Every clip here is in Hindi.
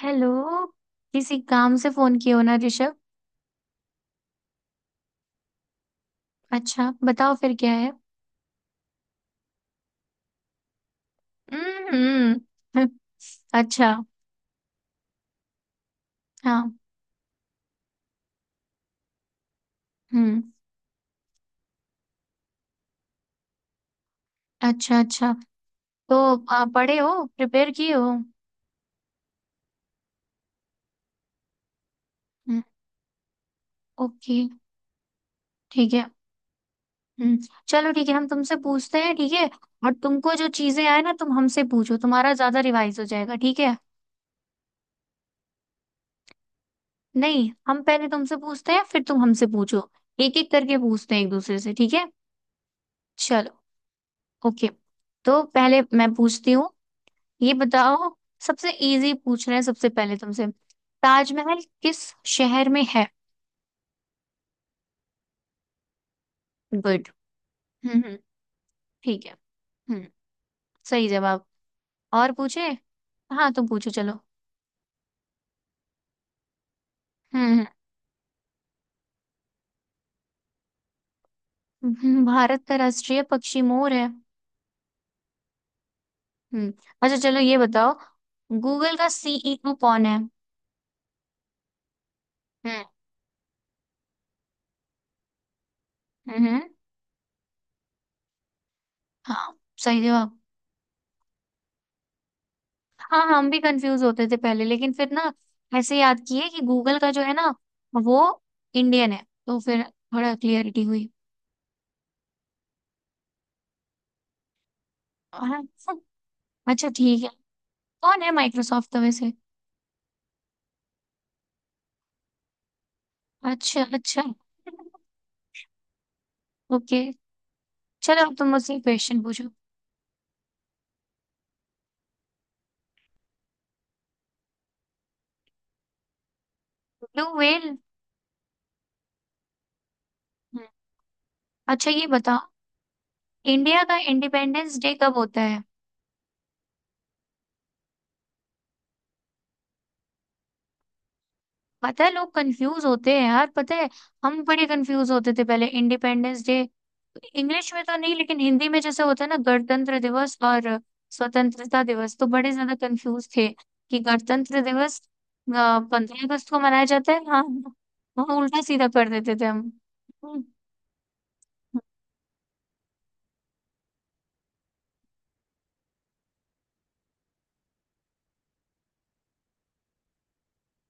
हेलो। किसी काम से फोन किया हो ना ऋषभ। अच्छा बताओ फिर क्या है। हम्म। अच्छा। हाँ। हम्म। अच्छा अच्छा। तो पढ़े हो प्रिपेयर किए हो। हम्म, ओके ठीक है। हम्म। चलो ठीक है, हम तुमसे पूछते हैं ठीक है। और तुमको जो चीजें आए ना तुम हमसे पूछो, तुम्हारा ज्यादा रिवाइज हो जाएगा ठीक है। नहीं, हम पहले तुमसे पूछते हैं फिर तुम हमसे पूछो। एक एक करके पूछते हैं एक दूसरे से, ठीक है। चलो, ओके। तो पहले मैं पूछती हूँ। ये बताओ। सबसे इजी पूछ रहे हैं सबसे पहले तुमसे। ताजमहल किस शहर में है? गुड। हम्म। ठीक है। हम्म। सही जवाब। और पूछे। हाँ तुम पूछो, चलो। हम्म, भारत का राष्ट्रीय पक्षी मोर है। हम्म। अच्छा चलो ये बताओ। गूगल का सीईओ कौन है? हम्म। हम्म। हाँ। सही जवाब। हाँ, हम भी कंफ्यूज होते थे पहले, लेकिन फिर ना ऐसे याद किए कि गूगल का जो है ना, वो इंडियन है, तो फिर थोड़ा क्लियरिटी हुई। हाँ, अच्छा ठीक है। कौन है माइक्रोसॉफ्ट तो वैसे? अच्छा अच्छा। ओके, चलो अब तुम मुझसे क्वेश्चन पूछो। Blue whale. अच्छा ये बताओ। इंडिया का इंडिपेंडेंस डे कब होता है? पता है लोग कंफ्यूज होते हैं यार, पता है। हम बड़े कंफ्यूज होते थे पहले इंडिपेंडेंस डे। इंग्लिश में तो नहीं, लेकिन हिंदी में जैसे होता है ना गणतंत्र दिवस और स्वतंत्रता दिवस, तो बड़े ज्यादा कंफ्यूज थे कि गणतंत्र दिवस 15 अगस्त को मनाया जाता है? हाँ। हाँ उल्टा सीधा कर देते थे हम। हम्म,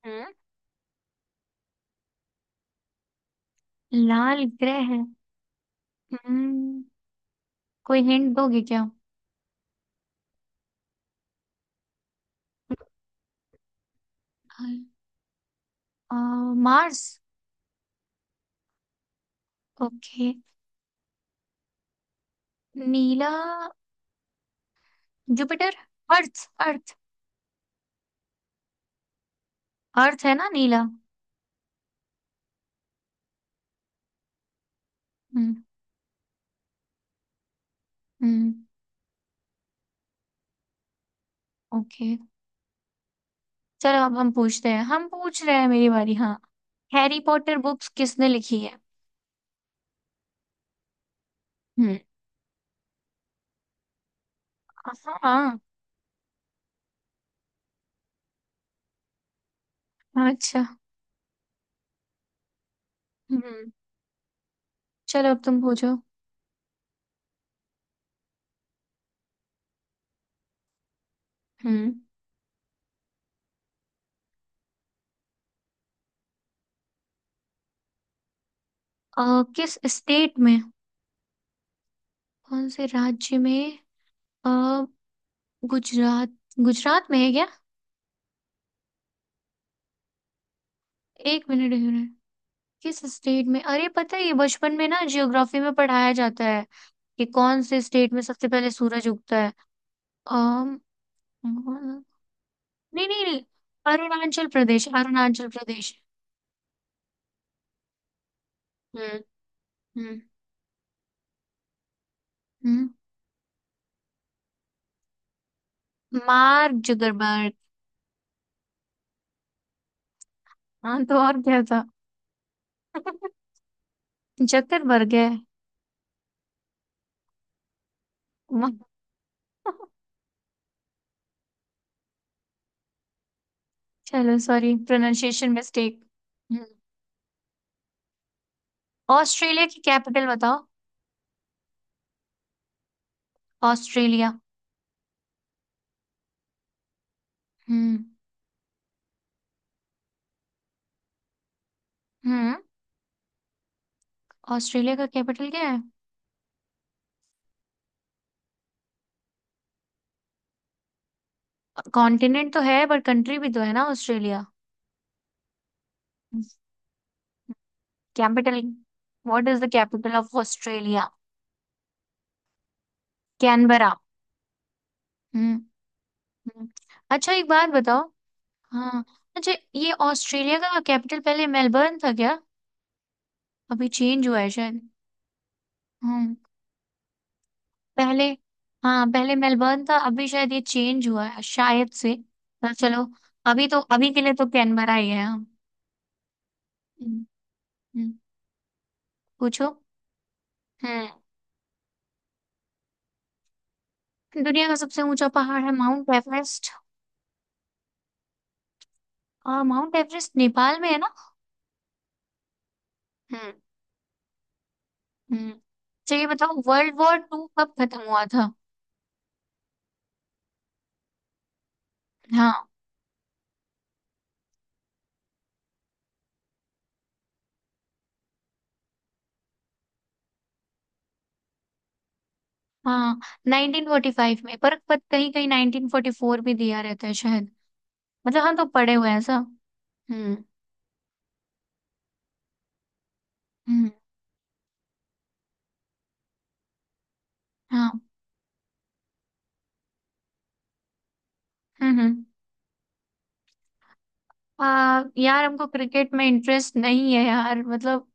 हम्म लाल ग्रह। हम्म कोई हिंट दोगे क्या? आ, मार्स। ओके। नीला। जुपिटर। अर्थ। अर्थ है ना नीला। हम्म। हम्म। ओके, चलो अब हम पूछते हैं, हम पूछ रहे हैं, मेरी बारी, हाँ। हैरी पॉटर बुक्स किसने लिखी है? हम्म। हाँ। अच्छा। हम्म। चलो अब तुम पूछो। हम्म। किस स्टेट में? कौन से राज्य में? अ गुजरात। गुजरात में है क्या? एक मिनट, एक मिनट। किस स्टेट में? अरे पता है, ये बचपन में ना जियोग्राफी में पढ़ाया जाता है कि कौन से स्टेट में सबसे पहले सूरज उगता है। अम नहीं नहीं नहीं। अरुणाचल प्रदेश, अरुणाचल प्रदेश। हम्म हम्म। हम्म। Mark Zuckerberg. हाँ तो और क्या था? जुकरबर्ग है। मा- चलो सॉरी, प्रोनाउंसिएशन मिस्टेक। ऑस्ट्रेलिया की कैपिटल बताओ। ऑस्ट्रेलिया। हम्म। हम्म। ऑस्ट्रेलिया का कैपिटल क्या है? कॉन्टिनेंट तो है बट कंट्री भी तो है ना Australia. Capital. What is the capital of Australia? Canberra. हम्म। हम्म। अच्छा एक बात बताओ। हाँ। अच्छा ये ऑस्ट्रेलिया का कैपिटल पहले मेलबर्न था क्या? अभी चेंज हुआ है शायद। हम्म। पहले। हाँ पहले मेलबर्न था, अभी शायद ये चेंज हुआ है शायद से। पर चलो। अभी तो अभी के लिए तो कैनबरा ही है, हम। हम्म, हम्म, पूछो। हम्म। दुनिया का सबसे ऊंचा पहाड़ है माउंट एवरेस्ट। और माउंट एवरेस्ट नेपाल में है ना। हम्म। हम्म। तो ये बताओ वर्ल्ड वॉर टू कब खत्म हुआ था? हाँ। हाँ, 1945 में, पर कहीं कहीं 1944 भी दिया रहता है शायद। मतलब हम तो पढ़े हुए हैं सब। हम्म। हम्म। हाँ। हम्म। हम्म। यार हमको क्रिकेट में इंटरेस्ट नहीं है यार, मतलब।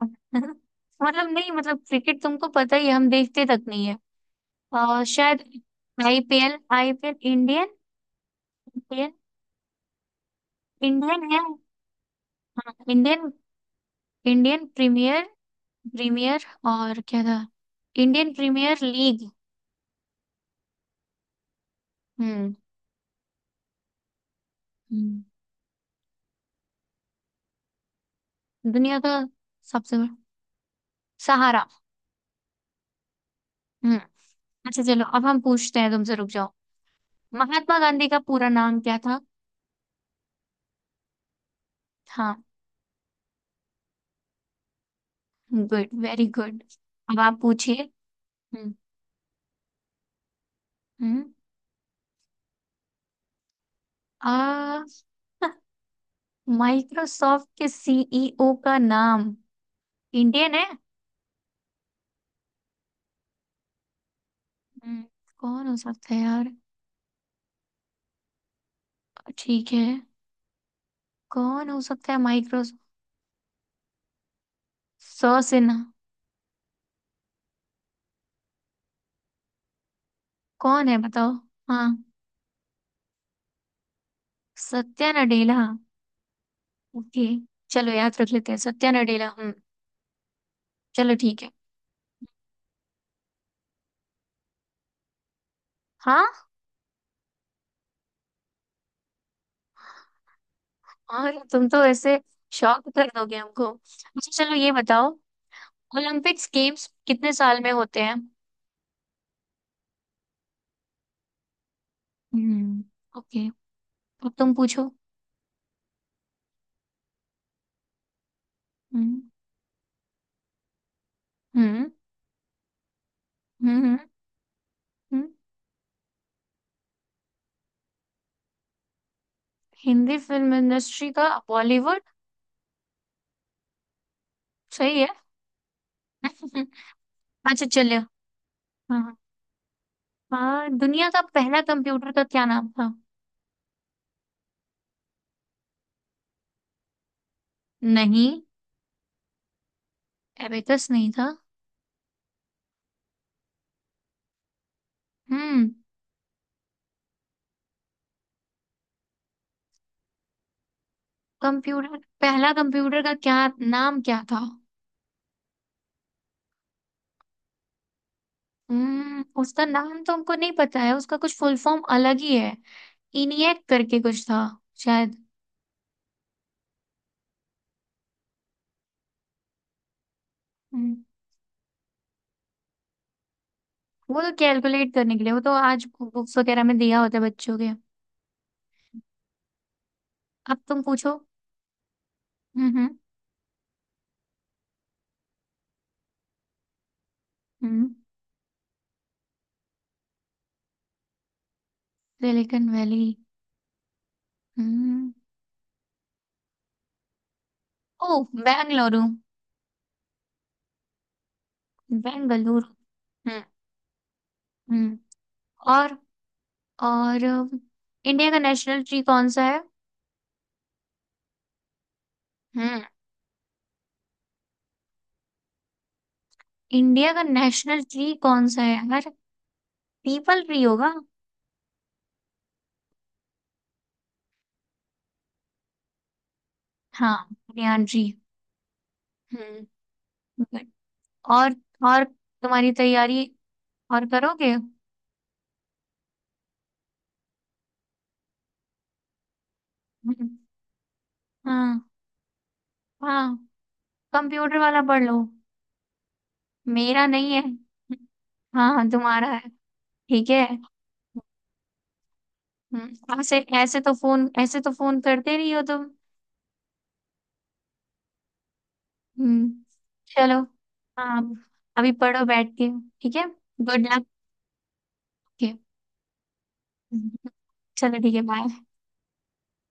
मतलब नहीं, मतलब क्रिकेट तुमको पता ही है, हम देखते तक नहीं है। शायद। IPL IPL Indian Indian Indian है। हाँ इंडियन। Indian premier. प्रीमियर। और क्या था? Indian Premier League. हम्म। दुनिया का सबसे बड़ा। सहारा। हम्म। अच्छा चलो अब हम पूछते हैं तुमसे, रुक जाओ। महात्मा गांधी का पूरा नाम क्या था? हाँ। Good, very good. अब आप पूछिए। हम्म। हम्म आ माइक्रोसॉफ्ट के सीईओ का नाम। इंडियन है। हम्म, कौन हो सकता है यार? ठीक है। कौन हो सकता है माइक्रोसॉफ्ट? सौ सिन्हा। कौन है बताओ? हाँ। सत्या नडेला। ओके। चलो याद रख लेते हैं सत्या नडेला, हम्म। चलो ठीक है। हाँ। और तुम तो ऐसे शॉक कर दोगे हमको। अच्छा चलो ये बताओ। ओलंपिक्स गेम्स कितने साल में होते हैं? हम्म। ओके। अब तुम पूछो। हम्म हम्म हम्म हम्म, हिंदी फिल्म इंडस्ट्री का बॉलीवुड। सही है। अच्छा चलिए। हाँ हाँ। हाँ, दुनिया का पहला कंप्यूटर का क्या नाम था? नहीं। एबेकस नहीं था। हम्म। कंप्यूटर, पहला कंप्यूटर का क्या नाम क्या था? उसका नाम तो हमको नहीं पता है, उसका कुछ फुल फॉर्म अलग ही है। इनिएक करके कुछ था शायद। हम्म, वो तो कैलकुलेट करने के लिए, वो तो आज बुक्स वगैरह में दिया होता है बच्चों के। अब तुम पूछो। हम्म। हम्म। Silicon Valley. हम्म। ओ, बेंगलुरु। बेंगलुरु। हम्म। हम्म। और। और इंडिया का नेशनल ट्री कौन सा है? हम्म। इंडिया का नेशनल ट्री कौन सा है यार? पीपल ट्री होगा। हाँ, बनियान ट्री। हम्म। और। और तुम्हारी तैयारी और करोगे? हाँ। हाँ कंप्यूटर वाला पढ़ लो। मेरा नहीं है। हाँ हाँ, तुम्हारा है। ठीक है। ऐसे, ऐसे तो फोन, ऐसे तो फोन करते नहीं हो तुम। हम्म, चलो। हाँ। अभी पढ़ो बैठ के। ठीक है। Good luck. चलो ठीक है, बाय।